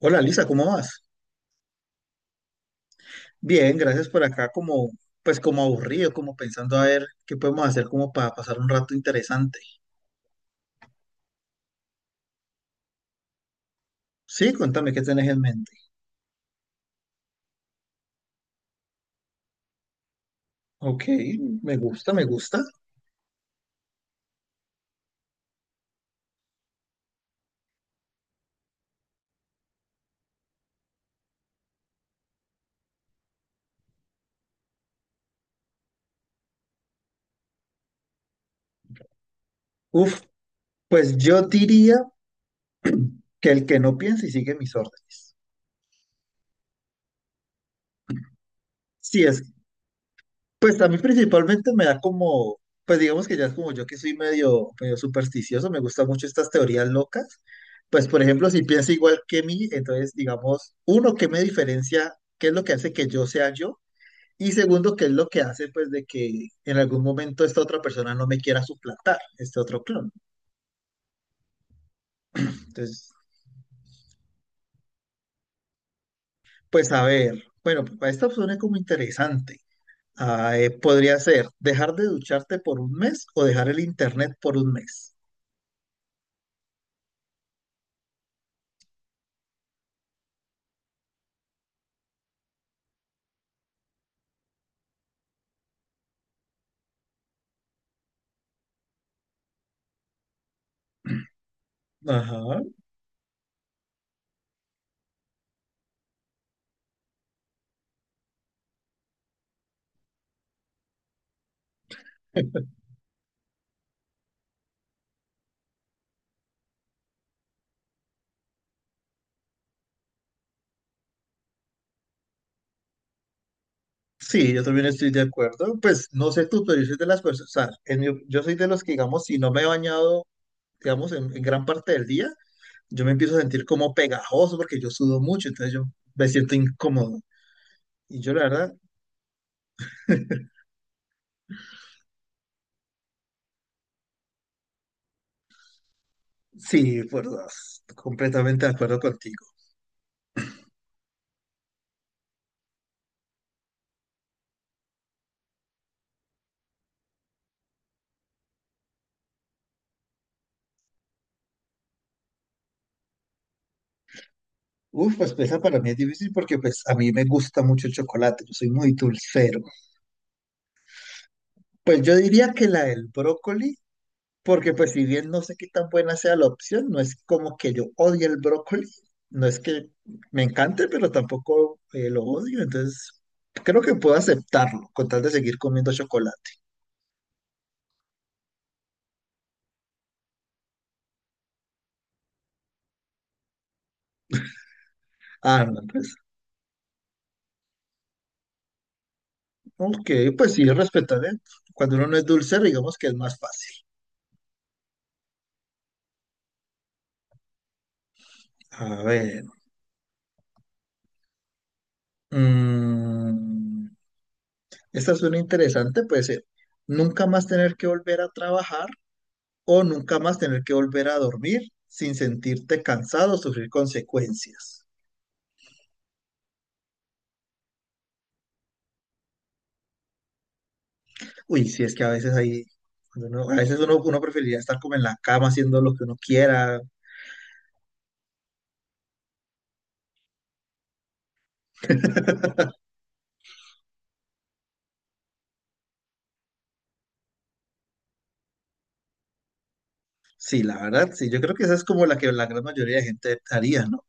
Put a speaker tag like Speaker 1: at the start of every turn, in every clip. Speaker 1: Hola Lisa, ¿cómo vas? Bien, gracias por acá, como pues como aburrido, como pensando a ver qué podemos hacer como para pasar un rato interesante. Sí, cuéntame qué tenés en mente. Ok, me gusta, me gusta. Uf, pues yo diría que el que no piensa y sigue mis órdenes. Sí, es, pues a mí principalmente me da como, pues digamos que ya es como yo que soy medio, medio supersticioso, me gustan mucho estas teorías locas. Pues por ejemplo, si piensa igual que mí, entonces digamos, uno, ¿qué me diferencia? ¿Qué es lo que hace que yo sea yo? Y segundo, que es lo que hace, pues, de que en algún momento esta otra persona no me quiera suplantar, este otro clon. Entonces, pues, a ver, bueno, pues, esta opción es como interesante. Ah, podría ser dejar de ducharte por un mes o dejar el internet por un mes. Ajá. Sí, yo también estoy de acuerdo. Pues no sé tú, pero yo soy de las personas, o sea, yo soy de los que, digamos, si no me he bañado, digamos, en gran parte del día, yo me empiezo a sentir como pegajoso porque yo sudo mucho, entonces yo me siento incómodo. Y yo, la verdad, sí, por dos. Completamente de acuerdo contigo. Uf, pues esa para mí es difícil porque pues a mí me gusta mucho el chocolate, yo soy muy dulcero. Pues yo diría que la del brócoli, porque pues si bien no sé qué tan buena sea la opción, no es como que yo odie el brócoli, no es que me encante, pero tampoco lo odio, entonces creo que puedo aceptarlo con tal de seguir comiendo chocolate. Ah, no, pues, ok, pues sí, respetaré. Cuando uno no es dulcero, digamos que es más fácil. A ver. Mm, Esta suena interesante, puede ser nunca más tener que volver a trabajar o nunca más tener que volver a dormir sin sentirte cansado o sufrir consecuencias. Uy, si es que a veces hay, a veces uno preferiría estar como en la cama haciendo lo que uno quiera. Sí, la verdad, sí, yo creo que esa es como la que la gran mayoría de gente haría, ¿no?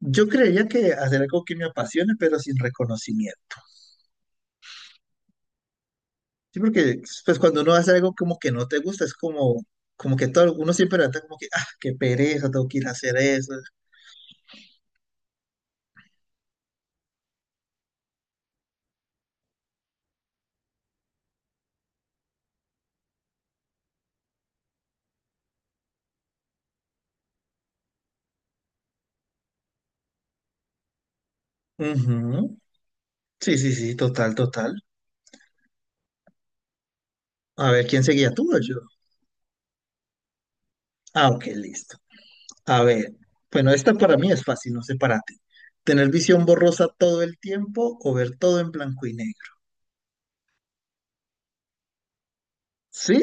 Speaker 1: Yo creía que hacer algo que me apasione, pero sin reconocimiento. Sí, porque pues cuando uno hace algo como que no te gusta, es como, como que todo, uno siempre levanta como que, ah, qué pereza, tengo que ir a hacer eso. Ujú. Sí, sí, sí, total, total. A ver, ¿quién seguía tú o yo? Ah, ok, listo. A ver, bueno, esta para mí es fácil, no sé para ti. ¿Tener visión borrosa todo el tiempo o ver todo en blanco y negro? Sí,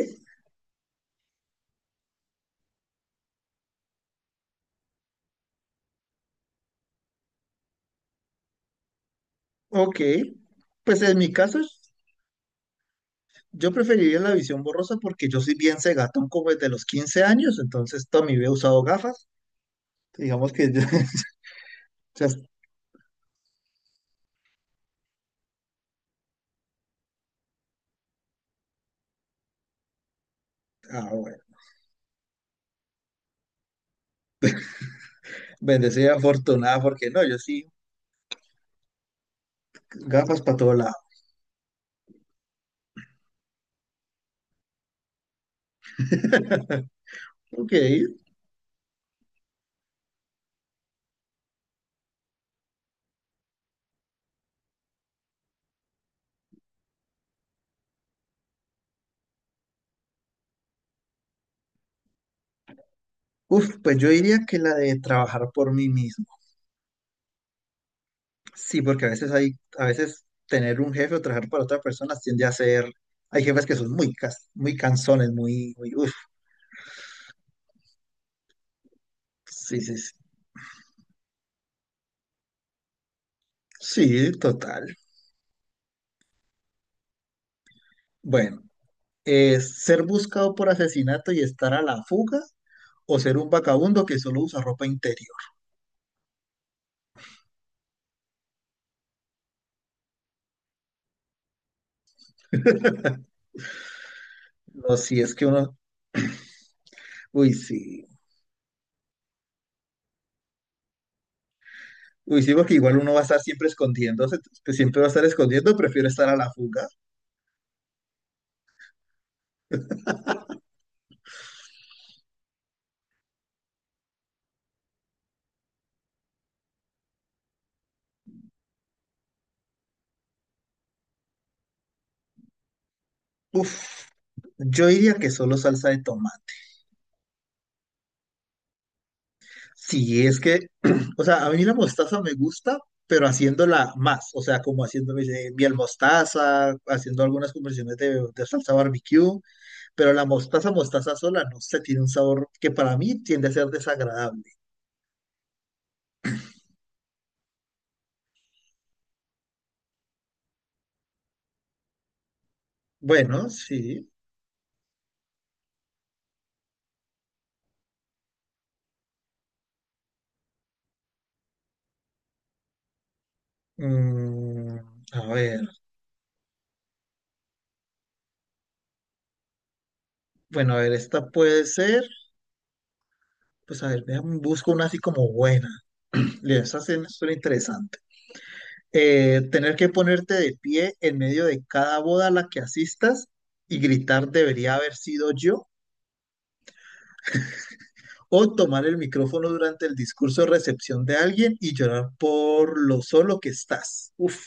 Speaker 1: ok. Pues en mi caso, yo preferiría la visión borrosa porque yo soy bien cegatón como desde los 15 años, entonces toda mi vida he usado gafas. Digamos que yo sea, ah, bueno. Bendecida, afortunada, porque no, yo sí, gafas para todo lado. Ok. Uf, pues yo diría que la de trabajar por mí mismo. Sí, porque a veces hay, a veces tener un jefe o trabajar para otra persona tiende a ser, hay jefes que son muy, muy cansones, muy, muy, uf. Sí, sí, sí. Sí, total. Bueno, es ser buscado por asesinato y estar a la fuga o ser un vagabundo que solo usa ropa interior. No, si es que uno, uy, sí. Uy, sí, porque igual uno va a estar siempre escondiéndose, pues, siempre va a estar escondiendo, prefiero estar a la fuga. Uf, yo diría que solo salsa de tomate. Sí, es que, o sea, a mí la mostaza me gusta, pero haciéndola más, o sea, como haciendo miel mostaza, haciendo algunas conversiones de salsa barbecue, pero la mostaza, mostaza sola, no sé, tiene un sabor que para mí tiende a ser desagradable. Bueno, sí. Mm, a ver, bueno, a ver, esta puede ser, pues a ver, busco una así como buena. Esa sí me suena interesante. Tener que ponerte de pie en medio de cada boda a la que asistas y gritar debería haber sido yo, o tomar el micrófono durante el discurso de recepción de alguien y llorar por lo solo que estás. Uf,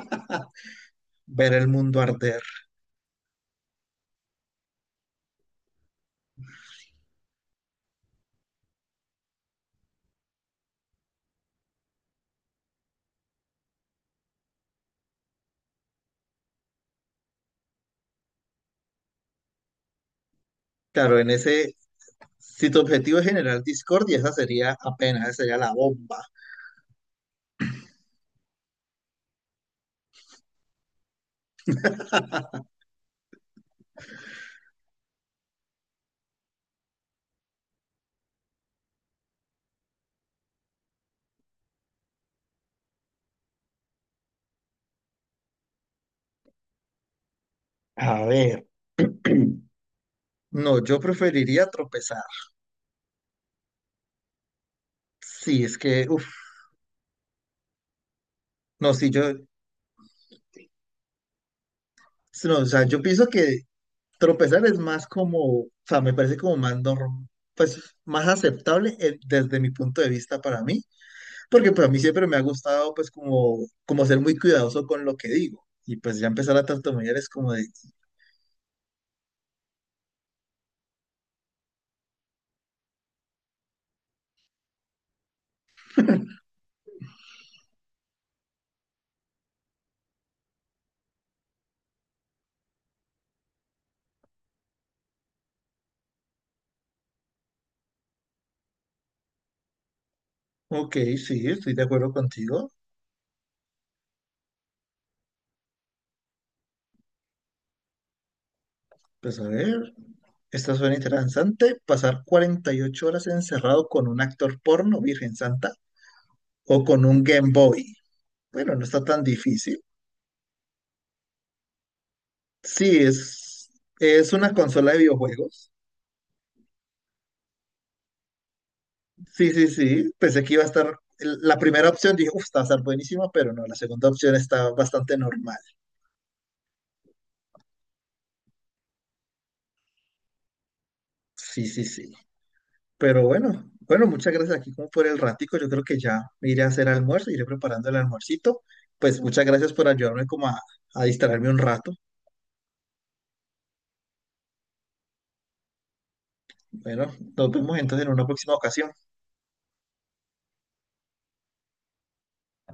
Speaker 1: ver el mundo arder. Claro, en ese, si tu objetivo es generar discordia, esa sería apenas, esa sería la bomba. A ver, no, yo preferiría tropezar. Sí, es que, uf, no, si yo, no, o sea, yo pienso que tropezar es más como, o sea, me parece como más pues más aceptable desde mi punto de vista para mí, porque pues a mí siempre me ha gustado pues como, como ser muy cuidadoso con lo que digo. Y pues ya empezar a tartamudear es como de, ok, sí, estoy de acuerdo contigo. Pues a ver, esta suena interesante. Pasar 48 horas encerrado con un actor porno, Virgen Santa, o con un Game Boy. Bueno, no está tan difícil. Sí, es una consola de videojuegos. Sí, sí, sí. Pensé que iba a estar. La primera opción dije, uff, está a estar buenísima, pero no, la segunda opción está bastante normal. Sí, sí, sí. Pero bueno, bueno, muchas gracias aquí como por el ratico. Yo creo que ya me iré a hacer almuerzo, iré preparando el almuercito. Pues muchas gracias por ayudarme como a distraerme un rato. Bueno, nos vemos entonces en una próxima ocasión.